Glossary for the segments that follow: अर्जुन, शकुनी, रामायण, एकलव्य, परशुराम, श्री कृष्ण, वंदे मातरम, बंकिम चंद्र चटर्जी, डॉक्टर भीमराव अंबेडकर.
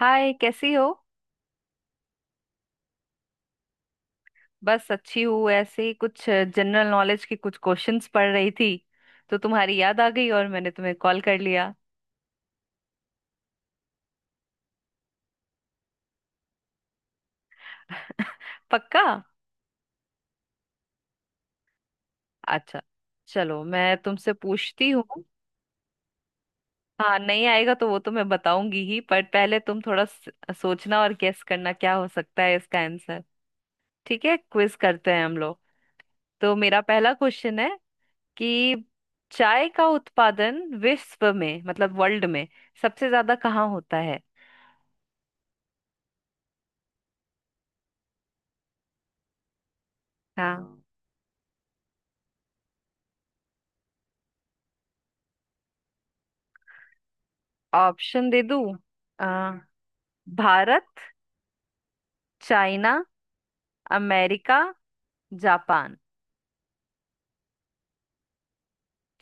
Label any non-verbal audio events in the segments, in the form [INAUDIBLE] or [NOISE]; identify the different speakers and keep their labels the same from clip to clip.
Speaker 1: हाय कैसी हो। बस अच्छी हूँ, ऐसे ही कुछ जनरल नॉलेज के कुछ क्वेश्चंस पढ़ रही थी, तो तुम्हारी याद आ गई और मैंने तुम्हें कॉल कर लिया। पक्का। अच्छा, चलो मैं तुमसे पूछती हूँ। हाँ, नहीं आएगा तो वो तो मैं बताऊंगी ही, पर पहले तुम थोड़ा सोचना और गेस करना क्या हो सकता है इसका आंसर। ठीक है, क्विज करते हैं हम लोग। तो मेरा पहला क्वेश्चन है कि चाय का उत्पादन विश्व में, मतलब वर्ल्ड में, सबसे ज्यादा कहाँ होता है। हाँ, ऑप्शन दे दूं। अ, भारत, चाइना, अमेरिका, जापान।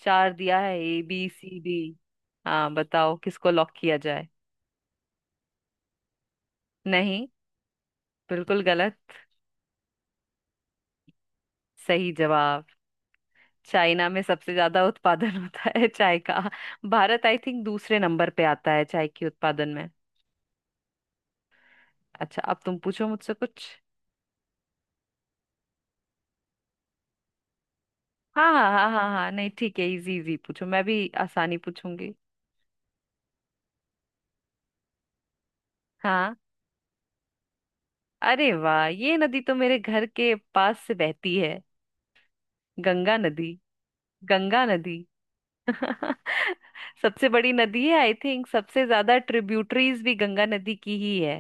Speaker 1: चार दिया है A B C D। हाँ बताओ, किसको लॉक किया जाए। नहीं, बिल्कुल गलत। सही जवाब। चाइना में सबसे ज्यादा उत्पादन [LAUGHS] होता है चाय का। भारत आई थिंक दूसरे नंबर पे आता है चाय के उत्पादन में। अच्छा, अब तुम पूछो मुझसे कुछ। हाँ हाँ हाँ हाँ हाँ, नहीं ठीक है, इजी इजी पूछो, मैं भी आसानी पूछूंगी। हाँ, अरे वाह, ये नदी तो मेरे घर के पास से बहती है। गंगा नदी। गंगा नदी। [LAUGHS] सबसे बड़ी नदी है आई थिंक, सबसे ज्यादा ट्रिब्यूटरीज भी गंगा नदी की ही है।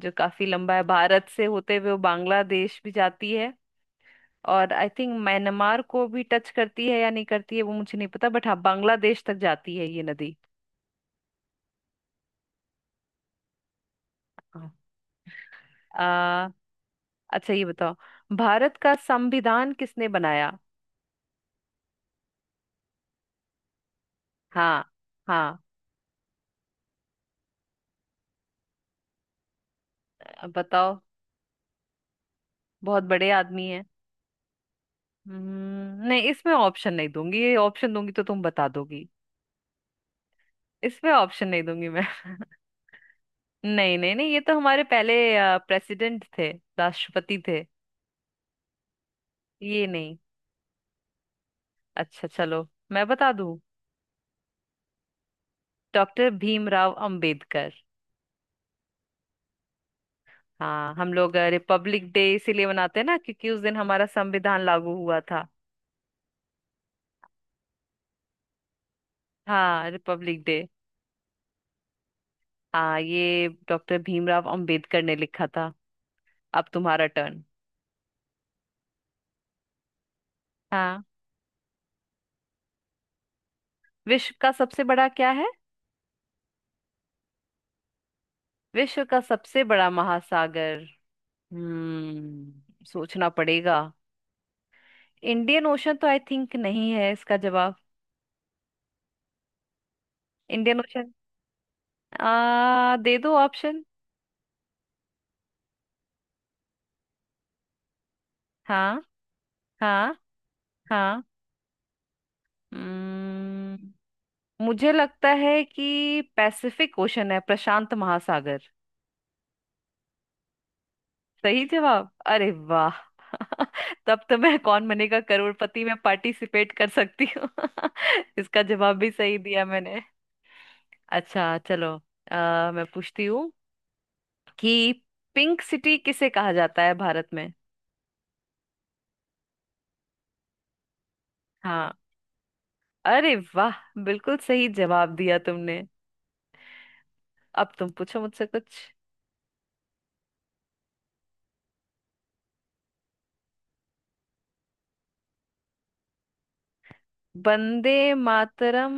Speaker 1: जो काफी लंबा है, भारत से होते हुए वो बांग्लादेश भी जाती है। और आई थिंक म्यांमार को भी टच करती है या नहीं करती है वो मुझे नहीं पता, बट हाँ बांग्लादेश तक जाती है ये नदी। हाँ। आ, अच्छा ये बताओ, भारत का संविधान किसने बनाया। हाँ। हाँ। अब बताओ, बहुत बड़े आदमी है। नहीं इसमें ऑप्शन नहीं दूंगी, ये ऑप्शन दूंगी तो तुम बता दोगी। इसमें ऑप्शन नहीं दूंगी मैं। [LAUGHS] नहीं नहीं नहीं, ये तो हमारे पहले प्रेसिडेंट थे, राष्ट्रपति थे। ये नहीं। अच्छा चलो, मैं बता दूं। डॉक्टर भीमराव अंबेडकर। हाँ, हम लोग रिपब्लिक डे इसीलिए मनाते हैं ना, क्योंकि उस दिन हमारा संविधान लागू हुआ था। हाँ, रिपब्लिक डे। हाँ, ये डॉक्टर भीमराव अंबेडकर ने लिखा था। अब तुम्हारा टर्न। हाँ। विश्व का सबसे बड़ा क्या है। विश्व का सबसे बड़ा महासागर। हम्म, सोचना पड़ेगा। इंडियन ओशन तो आई थिंक नहीं है इसका जवाब। Indian Ocean. आ, दे दो ऑप्शन। हाँ। हाँ। हाँ। हम्म, मुझे लगता है कि पैसिफिक ओशन है, प्रशांत महासागर। सही जवाब, अरे वाह। [LAUGHS] तब तो मैं कौन बनेगा करोड़पति में पार्टिसिपेट कर सकती हूँ। [LAUGHS] इसका जवाब भी सही दिया मैंने। अच्छा चलो, मैं पूछती हूँ कि पिंक सिटी किसे कहा जाता है भारत में। हाँ। अरे वाह, बिल्कुल सही जवाब दिया तुमने। अब तुम पूछो मुझसे कुछ। वंदे मातरम।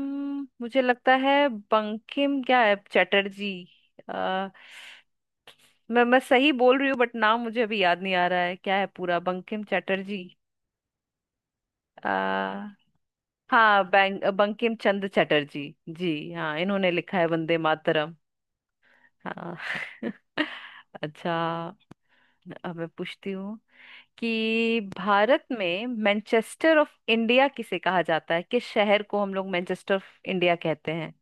Speaker 1: मुझे लगता है बंकिम क्या है चटर्जी। आ, मैं सही बोल रही हूँ बट नाम मुझे अभी याद नहीं आ रहा है, क्या है पूरा, बंकिम चटर्जी। आ, हाँ, बैंक बंकिम चंद्र चटर्जी जी, हाँ इन्होंने लिखा है वंदे मातरम। हाँ। [LAUGHS] अच्छा, अब मैं पूछती हूँ कि भारत में मैनचेस्टर ऑफ इंडिया किसे कहा जाता है, किस शहर को हम लोग मैनचेस्टर ऑफ इंडिया कहते हैं।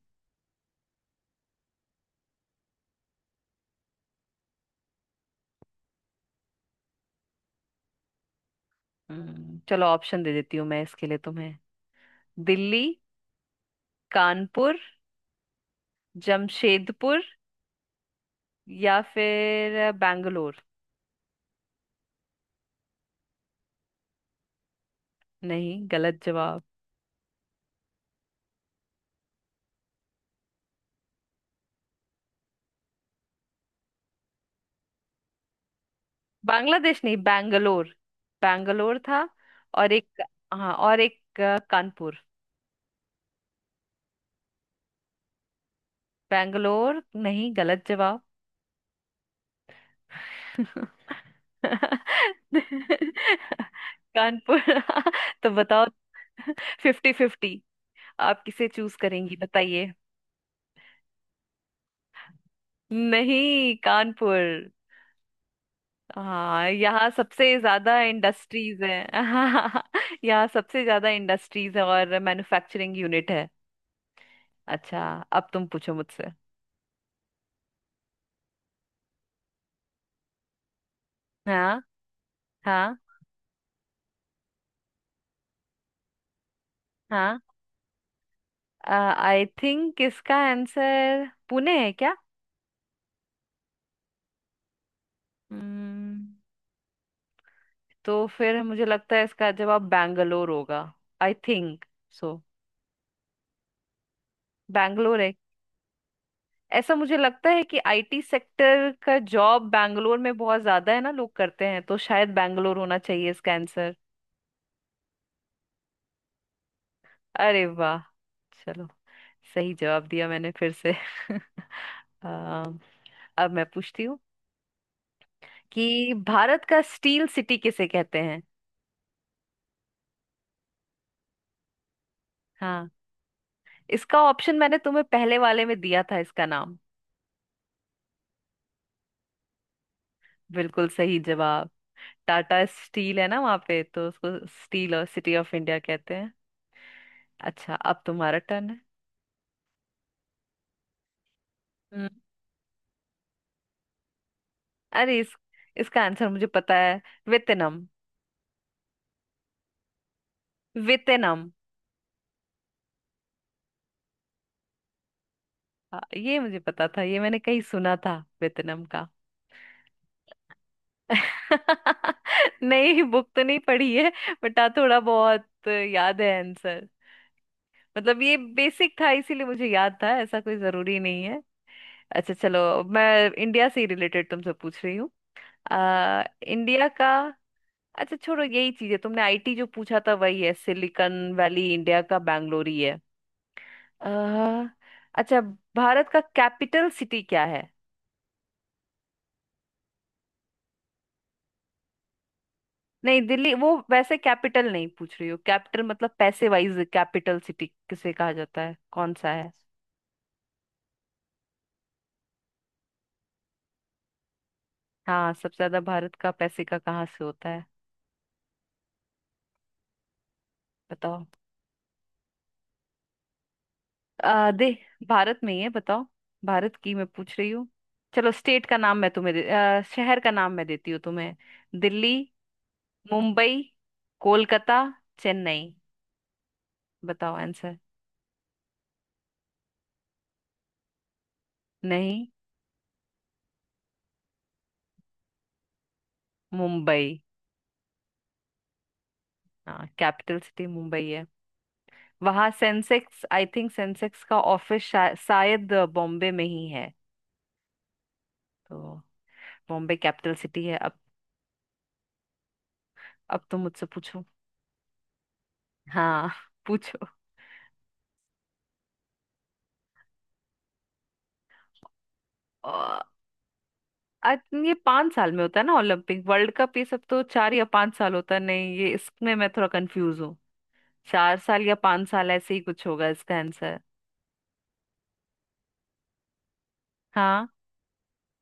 Speaker 1: चलो ऑप्शन दे देती हूँ मैं इसके लिए तुम्हें। दिल्ली, कानपुर, जमशेदपुर या फिर बैंगलोर। नहीं, गलत जवाब। बांग्लादेश नहीं, बैंगलोर। बैंगलोर था। और एक, हाँ और एक कानपुर। बैंगलोर नहीं, गलत जवाब। [LAUGHS] कानपुर। [LAUGHS] तो बताओ, फिफ्टी फिफ्टी, आप किसे चूज करेंगी बताइए। नहीं, कानपुर। हाँ, यहाँ सबसे ज्यादा इंडस्ट्रीज है। [LAUGHS] हाँ, यहाँ सबसे ज्यादा इंडस्ट्रीज है और मैन्युफैक्चरिंग यूनिट है। अच्छा, अब तुम पूछो मुझसे। हाँ। हाँ। हाँ आई थिंक इसका आंसर पुणे है क्या। हम्म, तो फिर मुझे लगता है इसका जवाब बैंगलोर होगा, आई थिंक। सो बैंगलोर है। ऐसा मुझे लगता है कि आईटी सेक्टर का जॉब बैंगलोर में बहुत ज्यादा है ना, लोग करते हैं, तो शायद बैंगलोर होना चाहिए इसका आंसर। अरे वाह, चलो, सही जवाब दिया मैंने फिर से। [LAUGHS] आ, अब मैं पूछती हूँ कि भारत का स्टील सिटी किसे कहते हैं। हाँ, इसका ऑप्शन मैंने तुम्हें पहले वाले में दिया था, इसका नाम। बिल्कुल सही जवाब। टाटा स्टील है ना वहां पे, तो उसको स्टील और सिटी ऑफ इंडिया कहते हैं। अच्छा, अब तुम्हारा टर्न है। हम्म। अरे, इस इसका आंसर मुझे पता है। वेतनम। वेतनम। हाँ, ये मुझे पता था, ये मैंने कहीं सुना था वेतनम का। [LAUGHS] नहीं, बुक तो नहीं पढ़ी है बट हाँ, थोड़ा बहुत याद है आंसर। मतलब ये बेसिक था इसीलिए मुझे याद था, ऐसा कोई जरूरी नहीं है। अच्छा चलो, मैं इंडिया से ही रिलेटेड तुमसे पूछ रही हूँ। आ, इंडिया का, अच्छा छोड़ो, यही चीज है, तुमने आईटी जो पूछा था वही है, सिलिकॉन वैली इंडिया का बैंगलोर ही है। अह, अच्छा, भारत का कैपिटल सिटी क्या है। नहीं, दिल्ली वो वैसे कैपिटल नहीं पूछ रही हो, कैपिटल मतलब पैसे वाइज कैपिटल सिटी किसे कहा जाता है, कौन सा है। हाँ, सबसे ज्यादा भारत का पैसे का कहाँ से होता है। बताओ। आ, दे भारत में ही है, बताओ, भारत की मैं पूछ रही हूँ। चलो स्टेट का नाम मैं तुम्हें शहर का नाम मैं देती हूँ तुम्हें। दिल्ली, मुंबई, कोलकाता, चेन्नई। बताओ आंसर। नहीं, मुंबई। हाँ, कैपिटल सिटी मुंबई है। वहाँ सेंसेक्स, आई थिंक सेंसेक्स का ऑफिस शायद बॉम्बे में ही है। तो बॉम्बे कैपिटल सिटी है अब। अब तुम मुझसे पूछो। हाँ। [LAUGHS] पूछो। अ, अ, ये 5 साल में होता है ना, ओलंपिक वर्ल्ड कप ये सब तो 4 या 5 साल होता है, नहीं ये इसमें मैं थोड़ा कंफ्यूज हूँ। चार साल या पांच साल ऐसे ही कुछ होगा इसका आंसर। हाँ।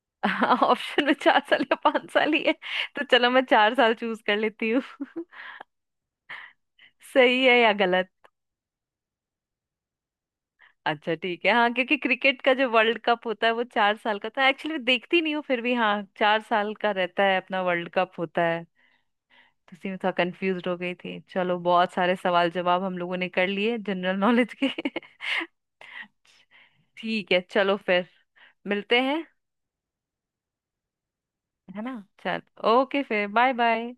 Speaker 1: [LAUGHS] हाँ, ऑप्शन में 4 साल या 5 साल ही है, तो चलो मैं 4 साल चूज कर लेती हूँ। [LAUGHS] सही है या गलत। अच्छा ठीक है, हाँ क्योंकि क्रिकेट का जो वर्ल्ड कप होता है वो 4 साल का था, एक्चुअली देखती नहीं हूँ फिर भी, हाँ 4 साल का रहता है अपना, वर्ल्ड कप होता है। तो उसी में थोड़ा कंफ्यूज हो गई थी। चलो बहुत सारे सवाल जवाब हम लोगों ने कर लिए जनरल नॉलेज के। [LAUGHS] ठीक है, चलो फिर मिलते हैं, है ना। चल, ओके फिर, बाय बाय।